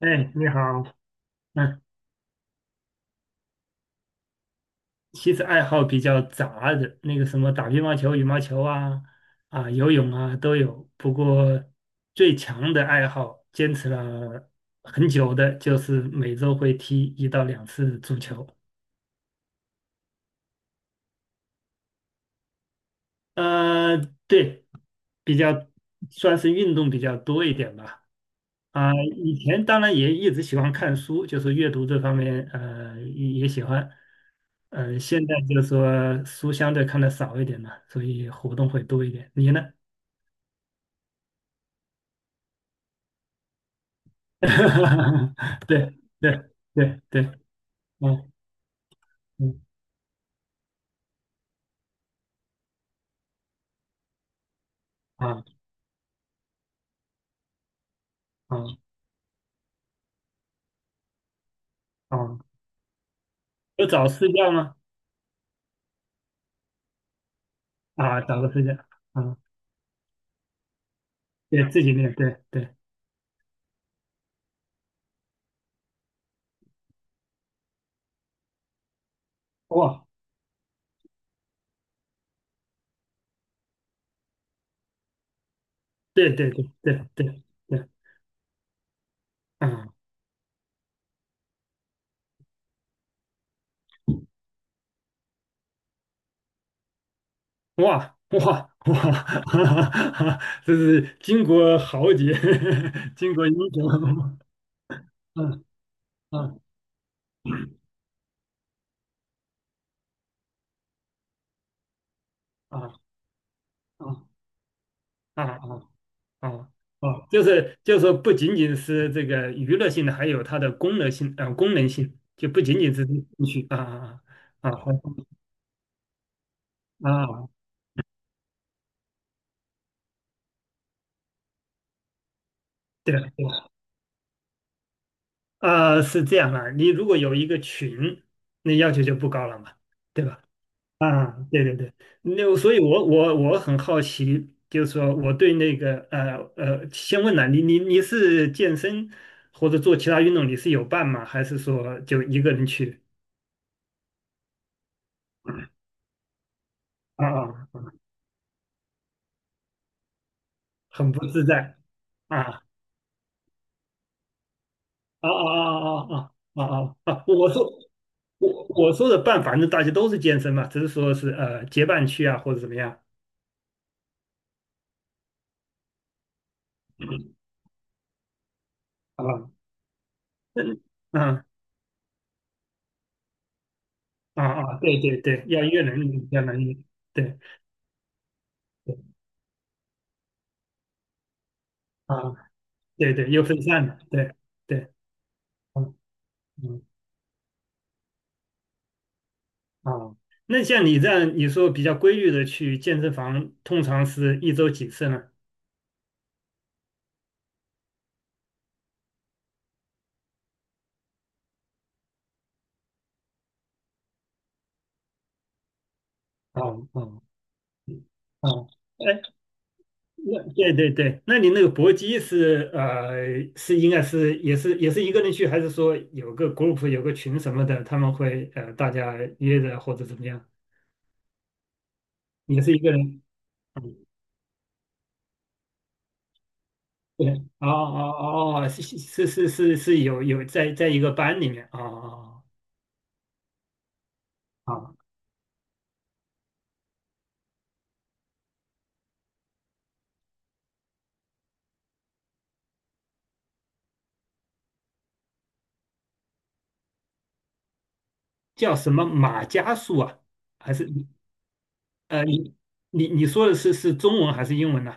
哎，你好，嗯，其实爱好比较杂的，那个什么打乒乓球、羽毛球啊，啊，游泳啊都有。不过最强的爱好，坚持了很久的，就是每周会踢1到2次足球。呃，对，比较算是运动比较多一点吧。啊、以前当然也一直喜欢看书，就是阅读这方面，也喜欢。现在就是说书相对看的少一点嘛，所以活动会多一点。你呢？对对对对，嗯嗯啊啊啊，有找私教吗？啊，找个私教，啊，对自己练，对对，哇，对对对对对对，嗯。哇哇哇！这是巾帼豪杰，巾帼英雄。嗯嗯啊啊啊啊啊！哦，就是说，不仅仅是这个娱乐性的，还有它的功能性，功能性就不仅仅是兴趣啊啊啊啊！啊对了对了，啊，是这样啊，你如果有一个群，那要求就不高了嘛，对吧？啊，对对对，那所以我很好奇，就是说我对那个先问了你，你是健身或者做其他运动，你是有伴吗？还是说就一个人去？啊啊，啊很不自在啊啊啊啊啊啊啊啊！啊！啊我说我说的伴，反正大家都是健身嘛，只是说是结伴去啊，或者怎么样啊？嗯啊啊啊！对对对，要一个人，要能对对啊。对对，又分散了，对对，嗯嗯哦，那像你这样，你说比较规律的去健身房，通常是1周几次呢？哦哦嗯哦，哎，那对对对，那你那个搏击是呃是应该是也是一个人去，还是说有个 group 有个群什么的，他们会大家约着或者怎么样？也是一个人，嗯，对，哦哦哦，哦是是是是是，有在一个班里面，哦哦哦。哦叫什么马伽树啊？还是呃你你说的是中文还是英文呢、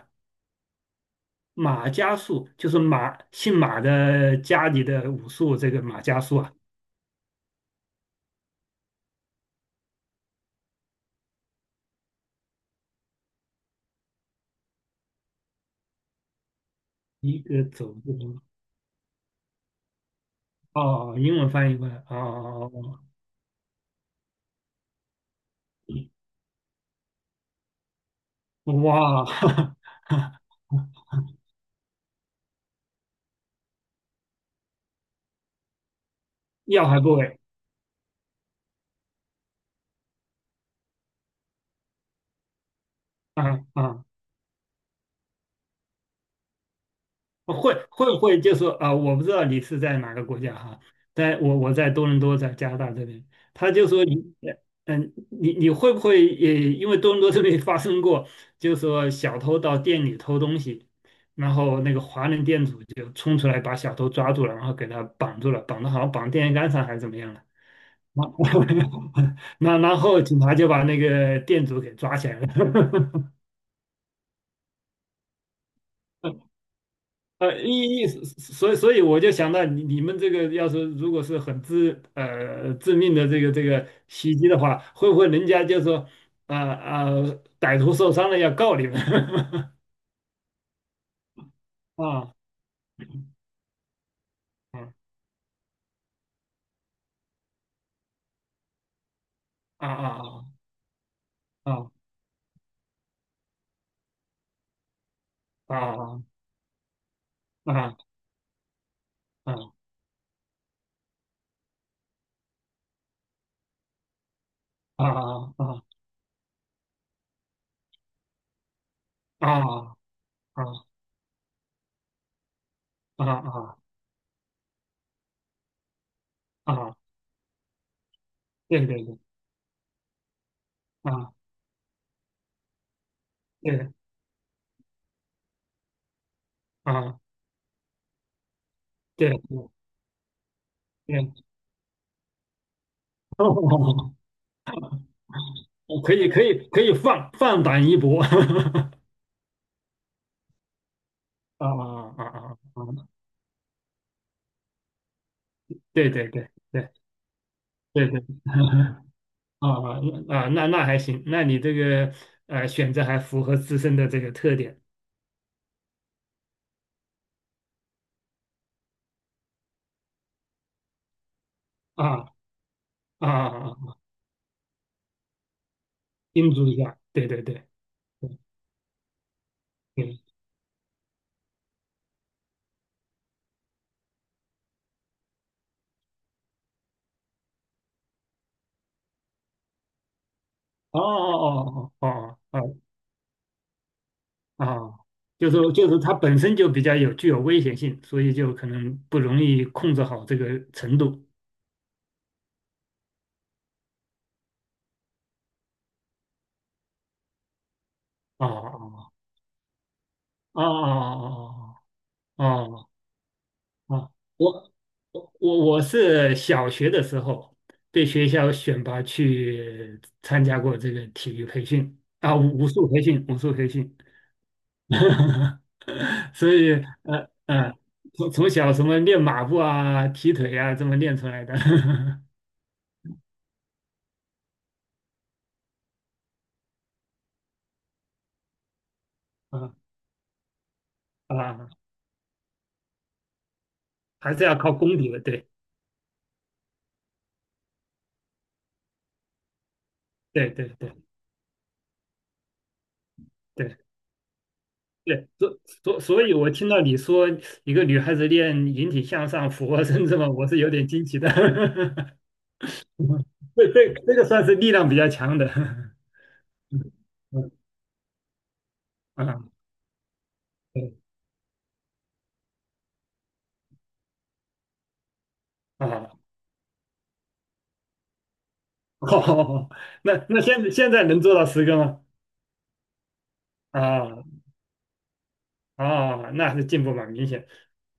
马伽树就是马姓马的家里的武术，这个马伽树啊，一个走步哦，英文翻译过来哦，哦哦哇，要还不为啊啊。会不会就是啊、我不知道你是在哪个国家哈，在我在多伦多，在加拿大这边，他就说你，嗯，你会不会也因为多伦多这边发生过，就是说小偷到店里偷东西，然后那个华人店主就冲出来把小偷抓住了，然后给他绑住了，绑的好像绑电线杆上还是怎么样了，那然后警察就把那个店主给抓起来了。意一，所以我就想到你们这个要是如果是很致命的这个袭击的话，会不会人家就说啊啊、歹徒受伤了要告你们 啊嗯啊啊啊啊啊啊啊啊啊啊啊啊啊啊！对对对啊对啊对对，哦，可以放放胆一搏 啊啊啊啊！啊对对对对对对，啊啊啊，那还行，那你这个选择还符合自身的这个特点。啊啊，啊叮嘱一下，对对对对对，哦哦哦哦哦哦哦，就是它本身就比较具有危险性，所以就可能不容易控制好这个程度。哦哦哦哦哦哦哦哦啊，我我是小学的时候被学校选拔去参加过这个体育培训啊，武术培训，所以呃呃，从小什么练马步啊、踢腿啊，这么练出来的，啊啊，还是要靠功底的，对对对对对对，所以，我听到你说一个女孩子练引体向上、俯卧撑这么，我是有点惊奇的。这个算是力量比较强的，嗯啊，对啊，哦，那现在能做到10个吗？啊啊，那还是进步蛮明显。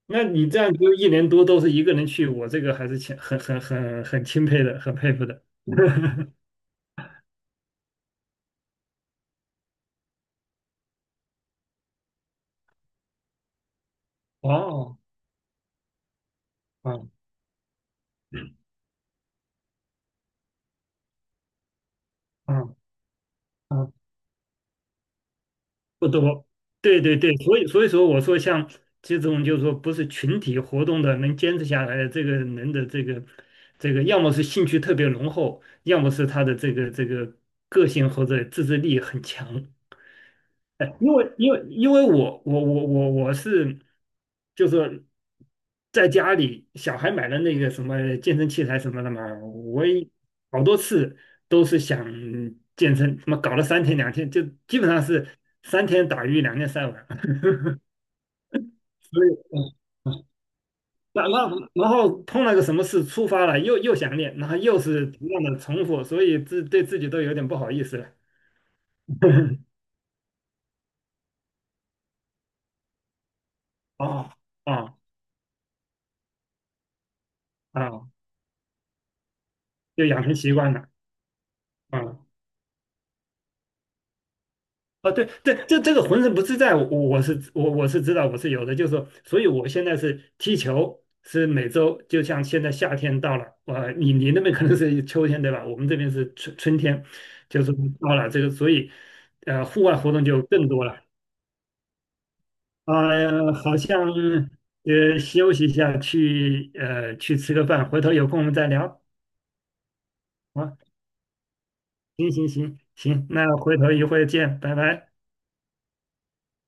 那你这样就1年多都是一个人去，我这个还是挺很钦佩的，很佩服的。哦，啊嗯嗯。啊不多，对对对，所以说我说像这种就是说不是群体活动的能坚持下来的这个人的这个，要么是兴趣特别浓厚，要么是他的这个个性或者自制力很强。哎，因为我是，就是在家里小孩买了那个什么健身器材什么的嘛，我也好多次都是想健身，什么搞了三天两天，就基本上是三天打鱼两天晒网，所以然后碰了个什么事触发了，又想练，然后又是同样的重复，所以对自己都有点不好意思了。哦啊啊，就养成习惯了啊。啊对，对，这个浑身不自在，我是知道，我是有的，就是说，所以我现在是踢球，是每周，就像现在夏天到了，你那边可能是秋天对吧？我们这边是春天，就是到了这个，所以户外活动就更多了。啊、呀，好像休息一下，去吃个饭，回头有空我们再聊。啊，行行行行，那回头一会儿见，拜拜。